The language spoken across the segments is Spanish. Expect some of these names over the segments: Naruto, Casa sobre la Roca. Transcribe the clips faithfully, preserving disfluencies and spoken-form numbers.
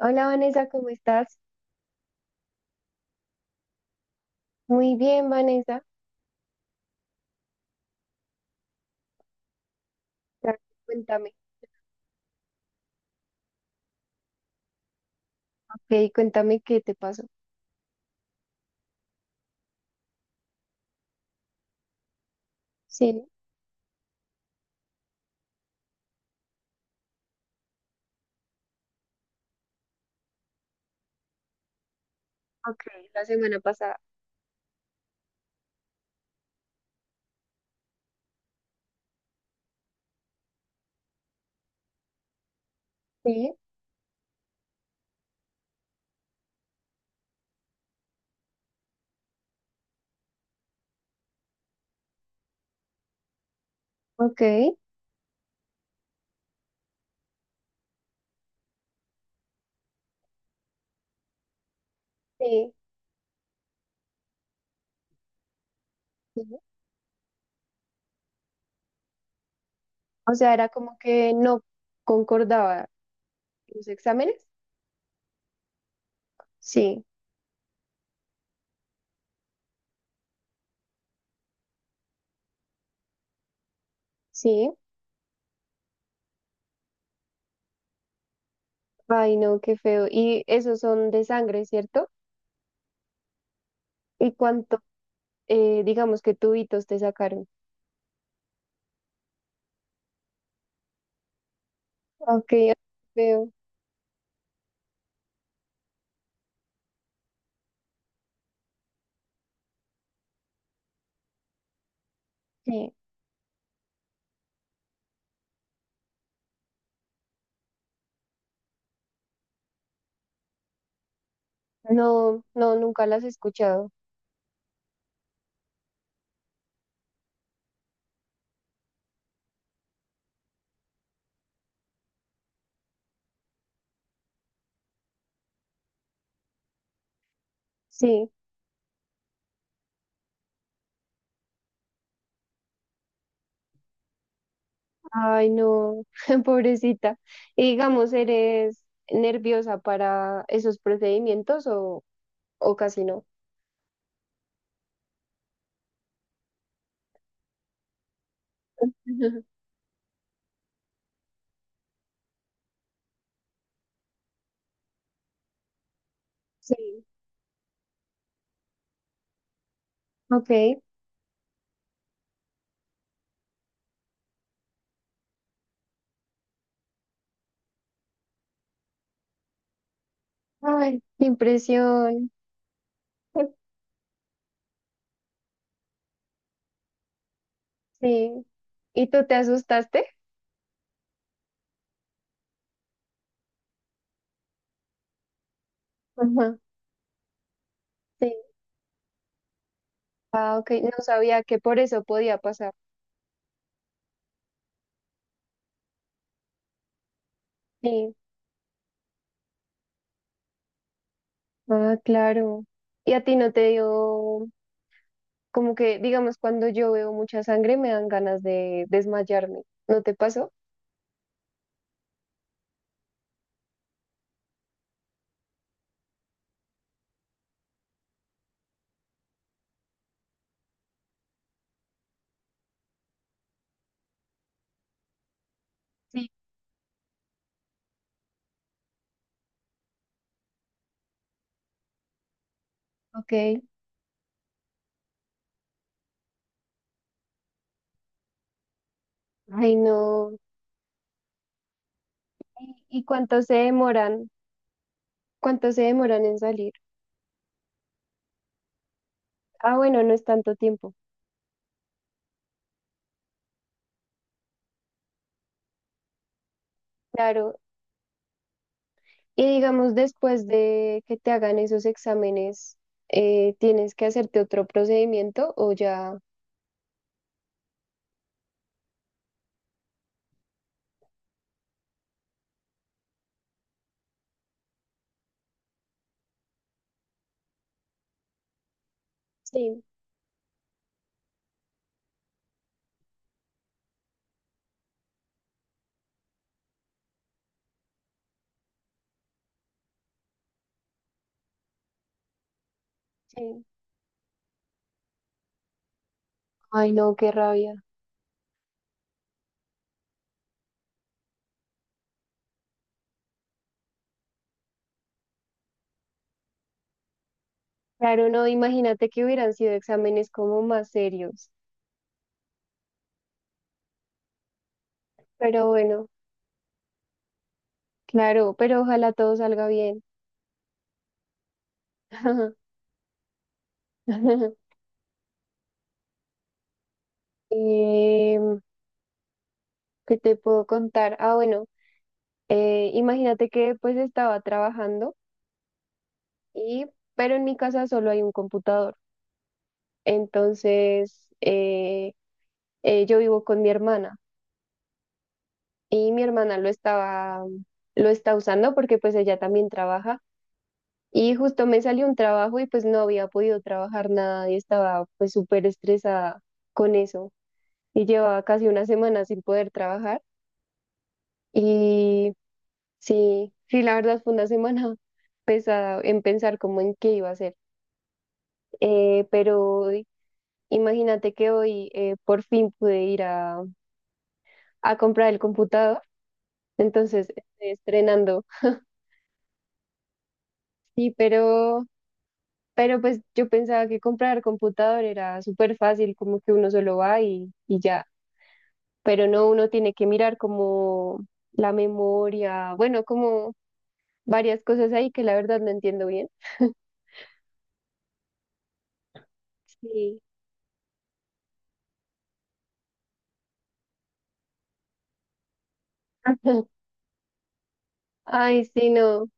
Hola Vanessa, ¿cómo estás? Muy bien, Vanessa. Ya, cuéntame. Ok, cuéntame qué te pasó. Sí, ok, la semana pasada. Sí, ok, sí. Sí. O sea, era como que no concordaba los exámenes. Sí, sí. Ay, no, qué feo. Y esos son de sangre, ¿cierto? ¿Y cuánto, eh, digamos que tubitos te sacaron? Ok, feo. Sí. No, no, nunca las he escuchado. Sí. Ay, no, pobrecita. Y digamos, ¿eres nerviosa para esos procedimientos o, o casi no? Sí. Ok. Ay, qué impresión. Sí. ¿Y tú te asustaste? Ajá. Sí. Ah, ok. No sabía que por eso podía pasar. Sí. Ah, claro. ¿Y a ti no te dio, como que, digamos, cuando yo veo mucha sangre me dan ganas de desmayarme? ¿No te pasó? Sí. Ok. Ay, no. ¿Y y cuánto se demoran? ¿Cuánto se demoran en salir? Ah, bueno, no es tanto tiempo. Claro. Y digamos, después de que te hagan esos exámenes, eh, ¿tienes que hacerte otro procedimiento o ya? Sí, sí. Ay, no, qué rabia. Claro, no, imagínate que hubieran sido exámenes como más serios. Pero bueno, claro, pero ojalá todo salga bien. Em, ¿qué te puedo contar? Ah, bueno, eh, imagínate que pues estaba trabajando. Y, pero en mi casa solo hay un computador. Entonces, eh, eh, yo vivo con mi hermana y mi hermana lo estaba, lo está usando porque pues ella también trabaja. Y justo me salió un trabajo y pues no había podido trabajar nada y estaba pues súper estresada con eso. Y llevaba casi una semana sin poder trabajar. Y sí, sí, la verdad fue una semana pesada en pensar cómo en qué iba a hacer. Eh, pero imagínate que hoy eh, por fin pude ir a, a comprar el computador, entonces estoy estrenando. Sí, pero, pero pues yo pensaba que comprar computador era súper fácil, como que uno solo va y, y ya. Pero no, uno tiene que mirar como la memoria, bueno, como varias cosas ahí que la verdad no entiendo bien. Sí. Ay, sí, no,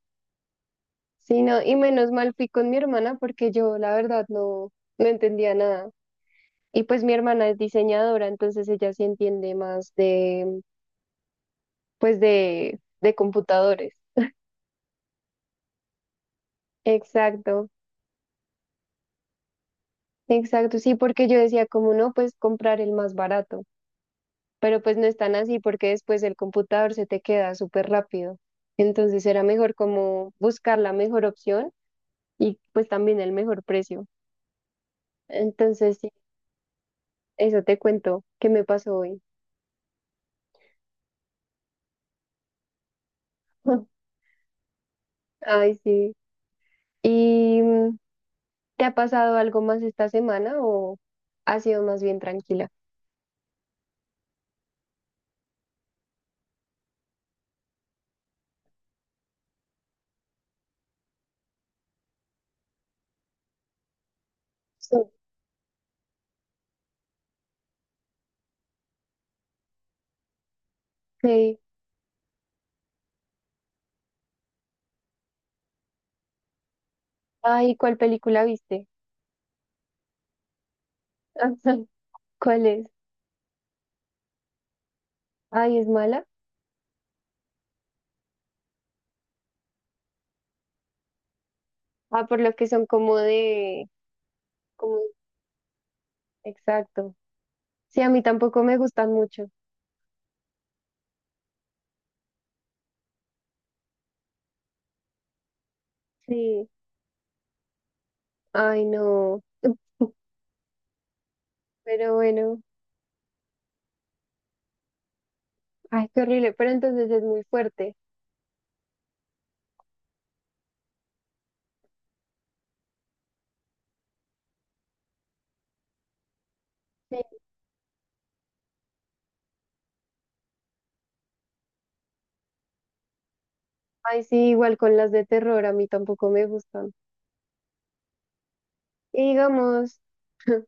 sí, no. Y menos mal fui con mi hermana porque yo la verdad no, no entendía nada. Y pues mi hermana es diseñadora, entonces ella sí entiende más de, pues de, de computadores. Exacto, exacto, sí, porque yo decía, como no, pues comprar el más barato, pero pues no es tan así porque después el computador se te queda súper rápido. Entonces era mejor como buscar la mejor opción y pues también el mejor precio. Entonces, sí, eso te cuento que me pasó hoy. Ay, sí. Y ¿te ha pasado algo más esta semana o ha sido más bien tranquila? Sí. Sí. Ay, ¿cuál película viste? Ajá. ¿Cuál es? Ay, ¿es mala? Ah, por lo que son como de... Como... Exacto. Sí, a mí tampoco me gustan mucho. Sí. Ay, no. Pero bueno. Ay, qué horrible. Pero entonces es muy fuerte. Sí. Ay, sí, igual con las de terror, a mí tampoco me gustan. Y digamos,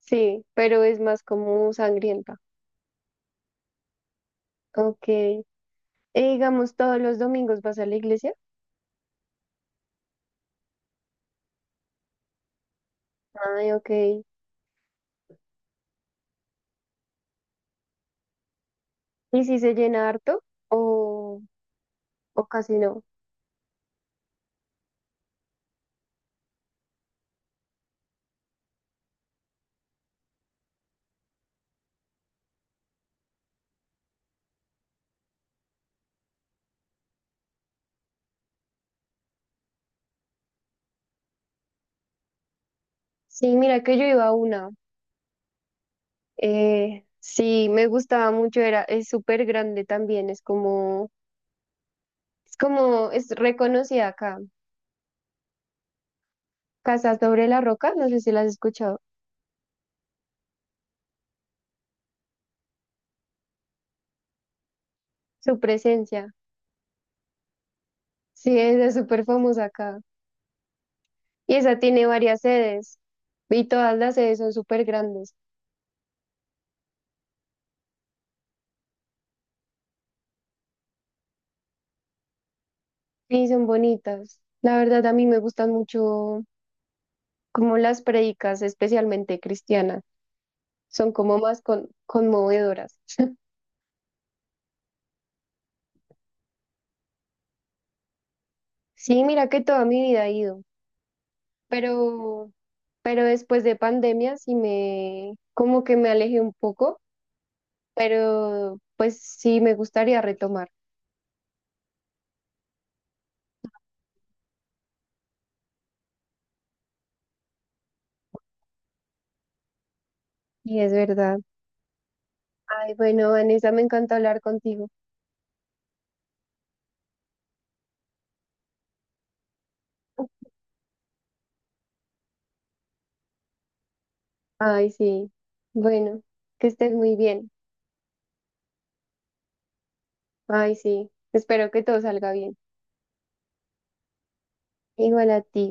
sí, pero es más como sangrienta. Ok. Eh, digamos, todos los domingos vas a la iglesia. Ay, ok. ¿Y si se llena harto o, o casi no? Sí, mira que yo iba a una. Eh, sí, me gustaba mucho, era, es súper grande también, es como, es como, es reconocida acá. Casa sobre la Roca, no sé si la has escuchado. Su presencia. Sí, esa es súper famosa acá. Y esa tiene varias sedes. Y todas las sedes son súper grandes. Y son bonitas. La verdad, a mí me gustan mucho como las predicas, especialmente cristianas, son como más con- conmovedoras. Sí, mira que toda mi vida he ido, pero, pero después de pandemia sí me, como que me alejé un poco, pero pues sí me gustaría retomar. Y es verdad. Ay, bueno, Vanessa, me encanta hablar contigo. Ay, sí. Bueno, que estés muy bien. Ay, sí. Espero que todo salga bien. Igual a ti.